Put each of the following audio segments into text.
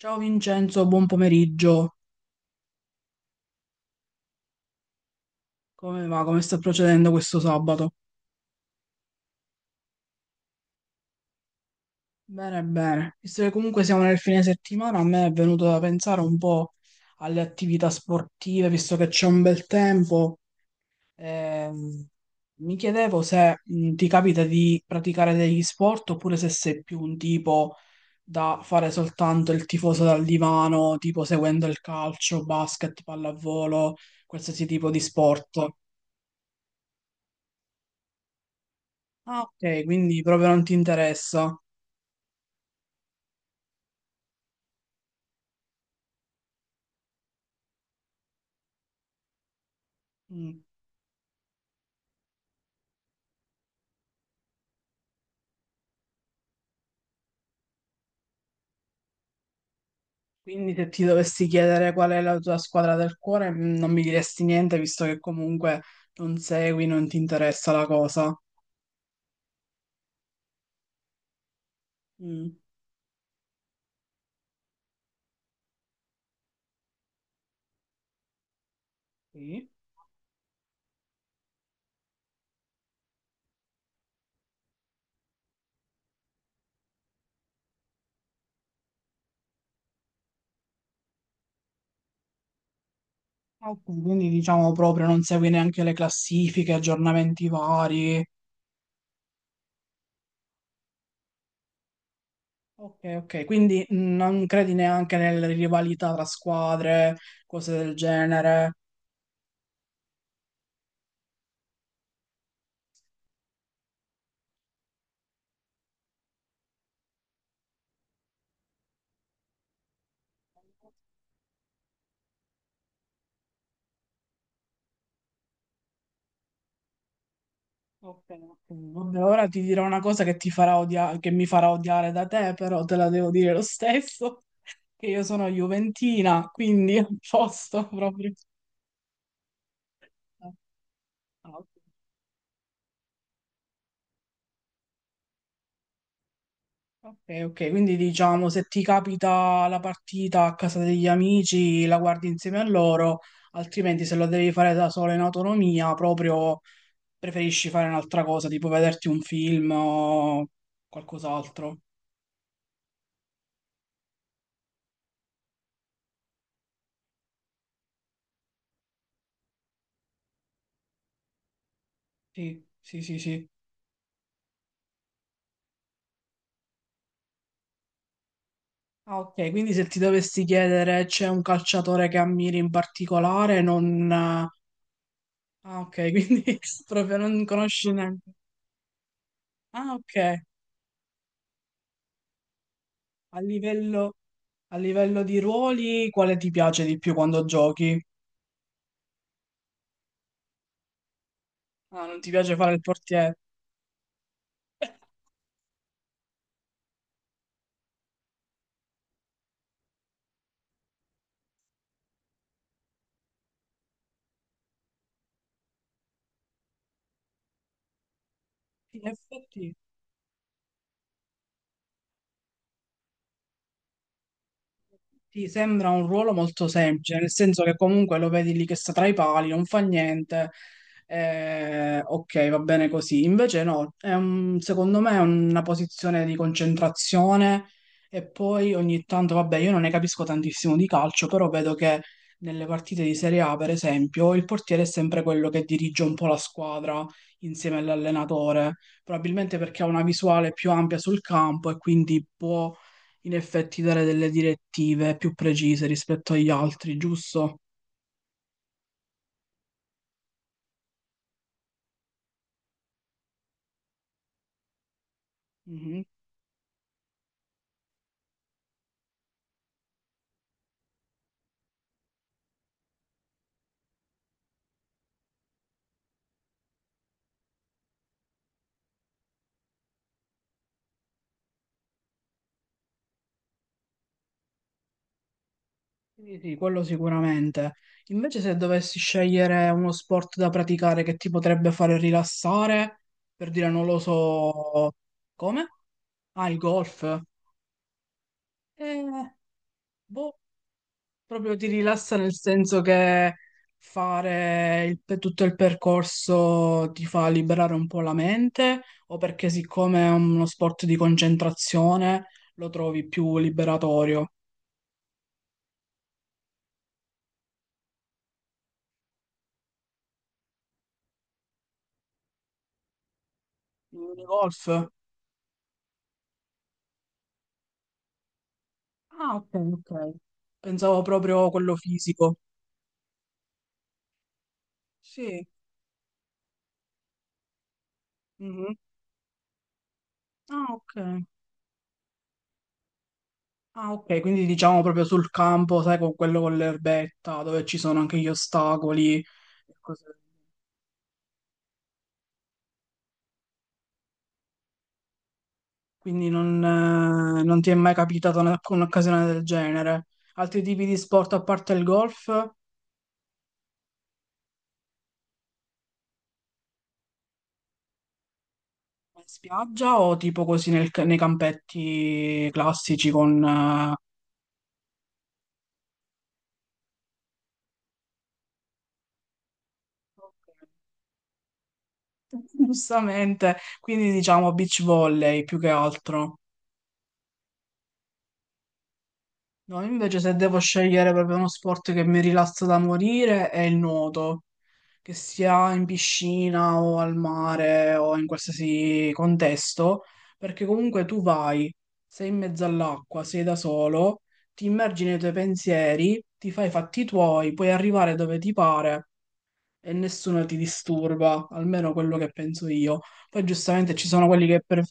Ciao Vincenzo, buon pomeriggio. Come va? Come sta procedendo questo sabato? Bene, bene. Visto che comunque siamo nel fine settimana, a me è venuto da pensare un po' alle attività sportive, visto che c'è un bel tempo. Ehm, mi chiedevo se ti capita di praticare degli sport oppure se sei più un tipo da fare soltanto il tifoso dal divano, tipo seguendo il calcio, basket, pallavolo, qualsiasi tipo di sport. Ah, ok, quindi proprio non ti interessa. Mm. Quindi se ti dovessi chiedere qual è la tua squadra del cuore, non mi diresti niente, visto che comunque non segui, non ti interessa la cosa. Mm. Sì. Ok, quindi diciamo proprio non segui neanche le classifiche, aggiornamenti vari. Ok, ok, quindi non credi neanche nelle rivalità tra squadre, cose del genere. Ok, ok. Vabbè, ora ti dirò una cosa che ti farà odiare, che mi farà odiare da te, però te la devo dire lo stesso, che io sono juventina, quindi a posto proprio. Ah, ok, ok, ok, quindi diciamo se ti capita la partita a casa degli amici, la guardi insieme a loro, altrimenti se lo devi fare da sola in autonomia, proprio preferisci fare un'altra cosa, tipo vederti un film o qualcos'altro. Sì, sì, sì, sì. Ah, ok, quindi se ti dovessi chiedere c'è un calciatore che ammiri in particolare, non... ah, ok, quindi proprio non conosci neanche. Ah, ok, a livello, a livello di ruoli, quale ti piace di più quando giochi? Ah, non ti piace fare il portiere? In effetti... ti sembra un ruolo molto semplice, nel senso che comunque lo vedi lì che sta tra i pali, non fa niente, ok, va bene così. Invece no, è secondo me è una posizione di concentrazione e poi ogni tanto, vabbè, io non ne capisco tantissimo di calcio, però vedo che nelle partite di Serie A, per esempio, il portiere è sempre quello che dirige un po' la squadra insieme all'allenatore, probabilmente perché ha una visuale più ampia sul campo e quindi può in effetti dare delle direttive più precise rispetto agli altri, giusto? Mhm. Quindi sì, quello sicuramente. Invece se dovessi scegliere uno sport da praticare che ti potrebbe fare rilassare, per dire non lo so, come? Ah, il golf. Eh, boh, proprio ti rilassa nel senso che fare per tutto il percorso ti fa liberare un po' la mente, o perché siccome è uno sport di concentrazione lo trovi più liberatorio? Il golf? Ah, ok, ok. Pensavo proprio quello fisico. Sì. Mhm. Ah, ok. Ah, ok, quindi diciamo proprio sul campo, sai, con quello con l'erbetta, dove ci sono anche gli ostacoli e cose. Quindi non, non ti è mai capitata un'occasione del genere. Altri tipi di sport a parte il golf, in spiaggia o tipo così nei campetti classici con... giustamente, quindi diciamo beach volley più che altro. No, invece se devo scegliere proprio uno sport che mi rilassa da morire è il nuoto, che sia in piscina o al mare o in qualsiasi contesto, perché comunque tu vai, sei in mezzo all'acqua, sei da solo, ti immergi nei tuoi pensieri, ti fai i fatti tuoi, puoi arrivare dove ti pare e nessuno ti disturba, almeno quello che penso io. Poi giustamente ci sono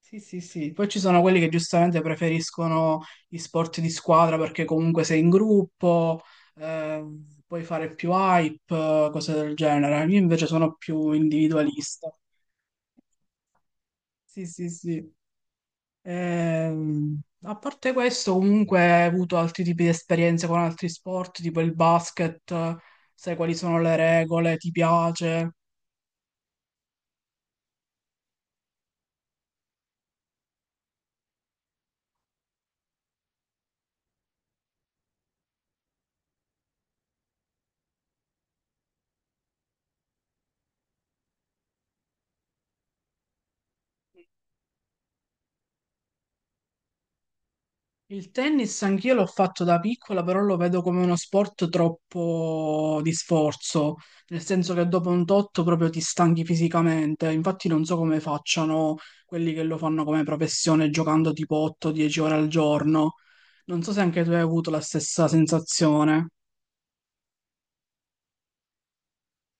sì, sì, sì. Poi ci sono quelli che giustamente preferiscono gli sport di squadra perché comunque sei in gruppo, puoi fare più hype, cose del genere. Io invece sono più individualista. Sì, sì, sì. A parte questo, comunque, ho avuto altri tipi di esperienze con altri sport, tipo il basket, sai quali sono le regole, ti piace? Il tennis anch'io l'ho fatto da piccola, però lo vedo come uno sport troppo di sforzo, nel senso che dopo un totto proprio ti stanchi fisicamente. Infatti non so come facciano quelli che lo fanno come professione giocando tipo 8-10 ore al giorno. Non so se anche tu hai avuto la stessa sensazione.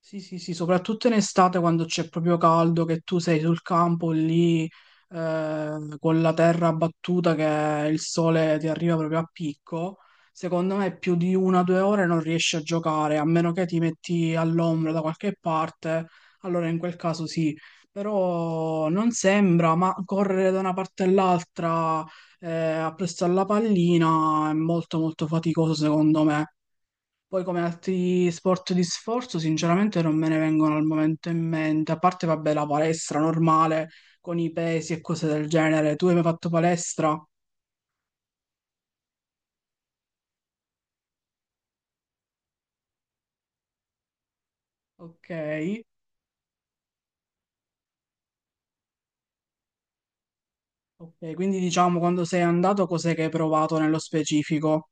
Sì, sì, sì, soprattutto in estate quando c'è proprio caldo, che tu sei sul campo lì con la terra battuta che il sole ti arriva proprio a picco, secondo me più di una o due ore non riesci a giocare, a meno che ti metti all'ombra da qualche parte, allora in quel caso sì, però non sembra, ma correre da una parte all'altra eh, appresso alla pallina è molto molto faticoso secondo me. Poi come altri sport di sforzo, sinceramente non me ne vengono al momento in mente, a parte vabbè la palestra normale con i pesi e cose del genere. Tu hai mai fatto palestra? Ok, ok, quindi diciamo quando sei andato cos'è che hai provato nello specifico?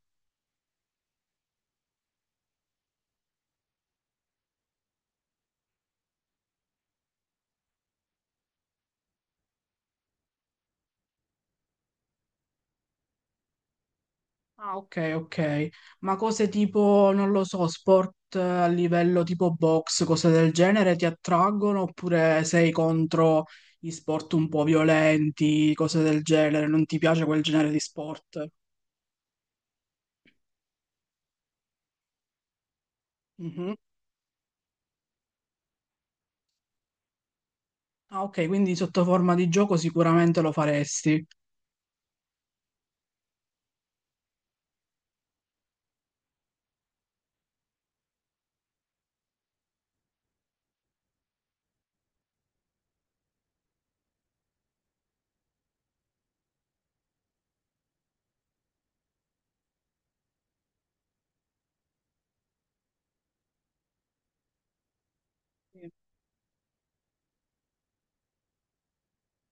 Ah, ok, ok. Ma cose tipo, non lo so, sport a livello tipo box, cose del genere ti attraggono oppure sei contro gli sport un po' violenti, cose del genere? Non ti piace quel genere di sport? Mhm. Ah, ok, quindi sotto forma di gioco sicuramente lo faresti.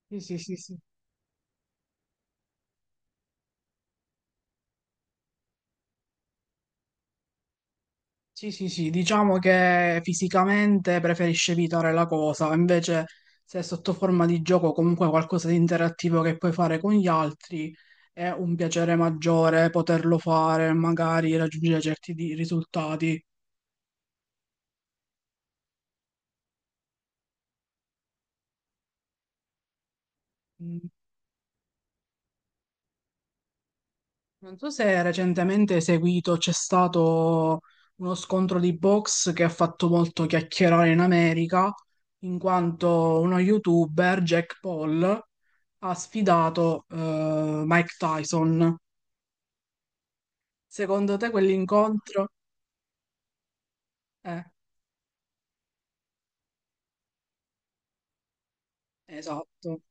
Sì, sì, sì, sì. Sì, sì, sì, diciamo che fisicamente preferisci evitare la cosa, invece se è sotto forma di gioco comunque qualcosa di interattivo che puoi fare con gli altri è un piacere maggiore poterlo fare, magari raggiungere risultati. Non so se recentemente hai seguito, c'è stato uno scontro di box che ha fatto molto chiacchierare in America, in quanto uno youtuber, Jack Paul, ha sfidato Mike Tyson. Secondo te quell'incontro? Eh, esatto.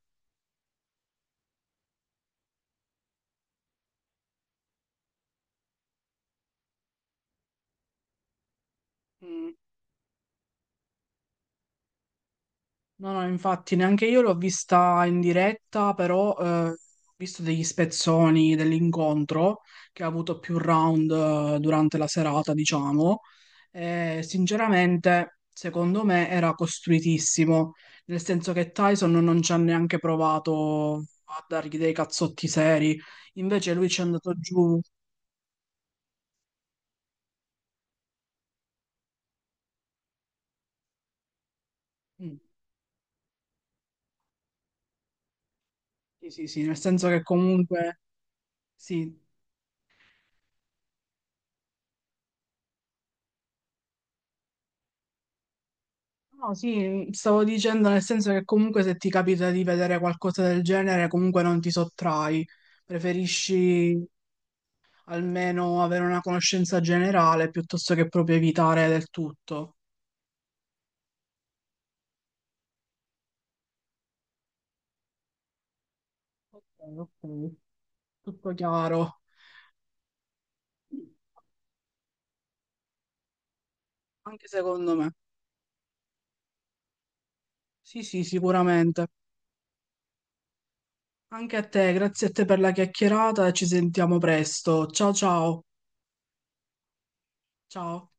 Mm. No, no, infatti neanche io l'ho vista in diretta, però ho visto degli spezzoni dell'incontro che ha avuto più round durante la serata, diciamo. E, sinceramente, secondo me era costruitissimo, nel senso che Tyson non ci ha neanche provato a dargli dei cazzotti seri, invece lui ci è andato giù. Mm, sì, sì, sì, nel senso che comunque sì, no, sì, stavo dicendo nel senso che comunque se ti capita di vedere qualcosa del genere, comunque non ti sottrai, preferisci almeno avere una conoscenza generale piuttosto che proprio evitare del tutto. Ok, ok. Tutto chiaro, anche secondo me. Sì, sì, sicuramente. Anche a te, grazie a te per la chiacchierata e ci sentiamo presto. Ciao ciao. Ciao.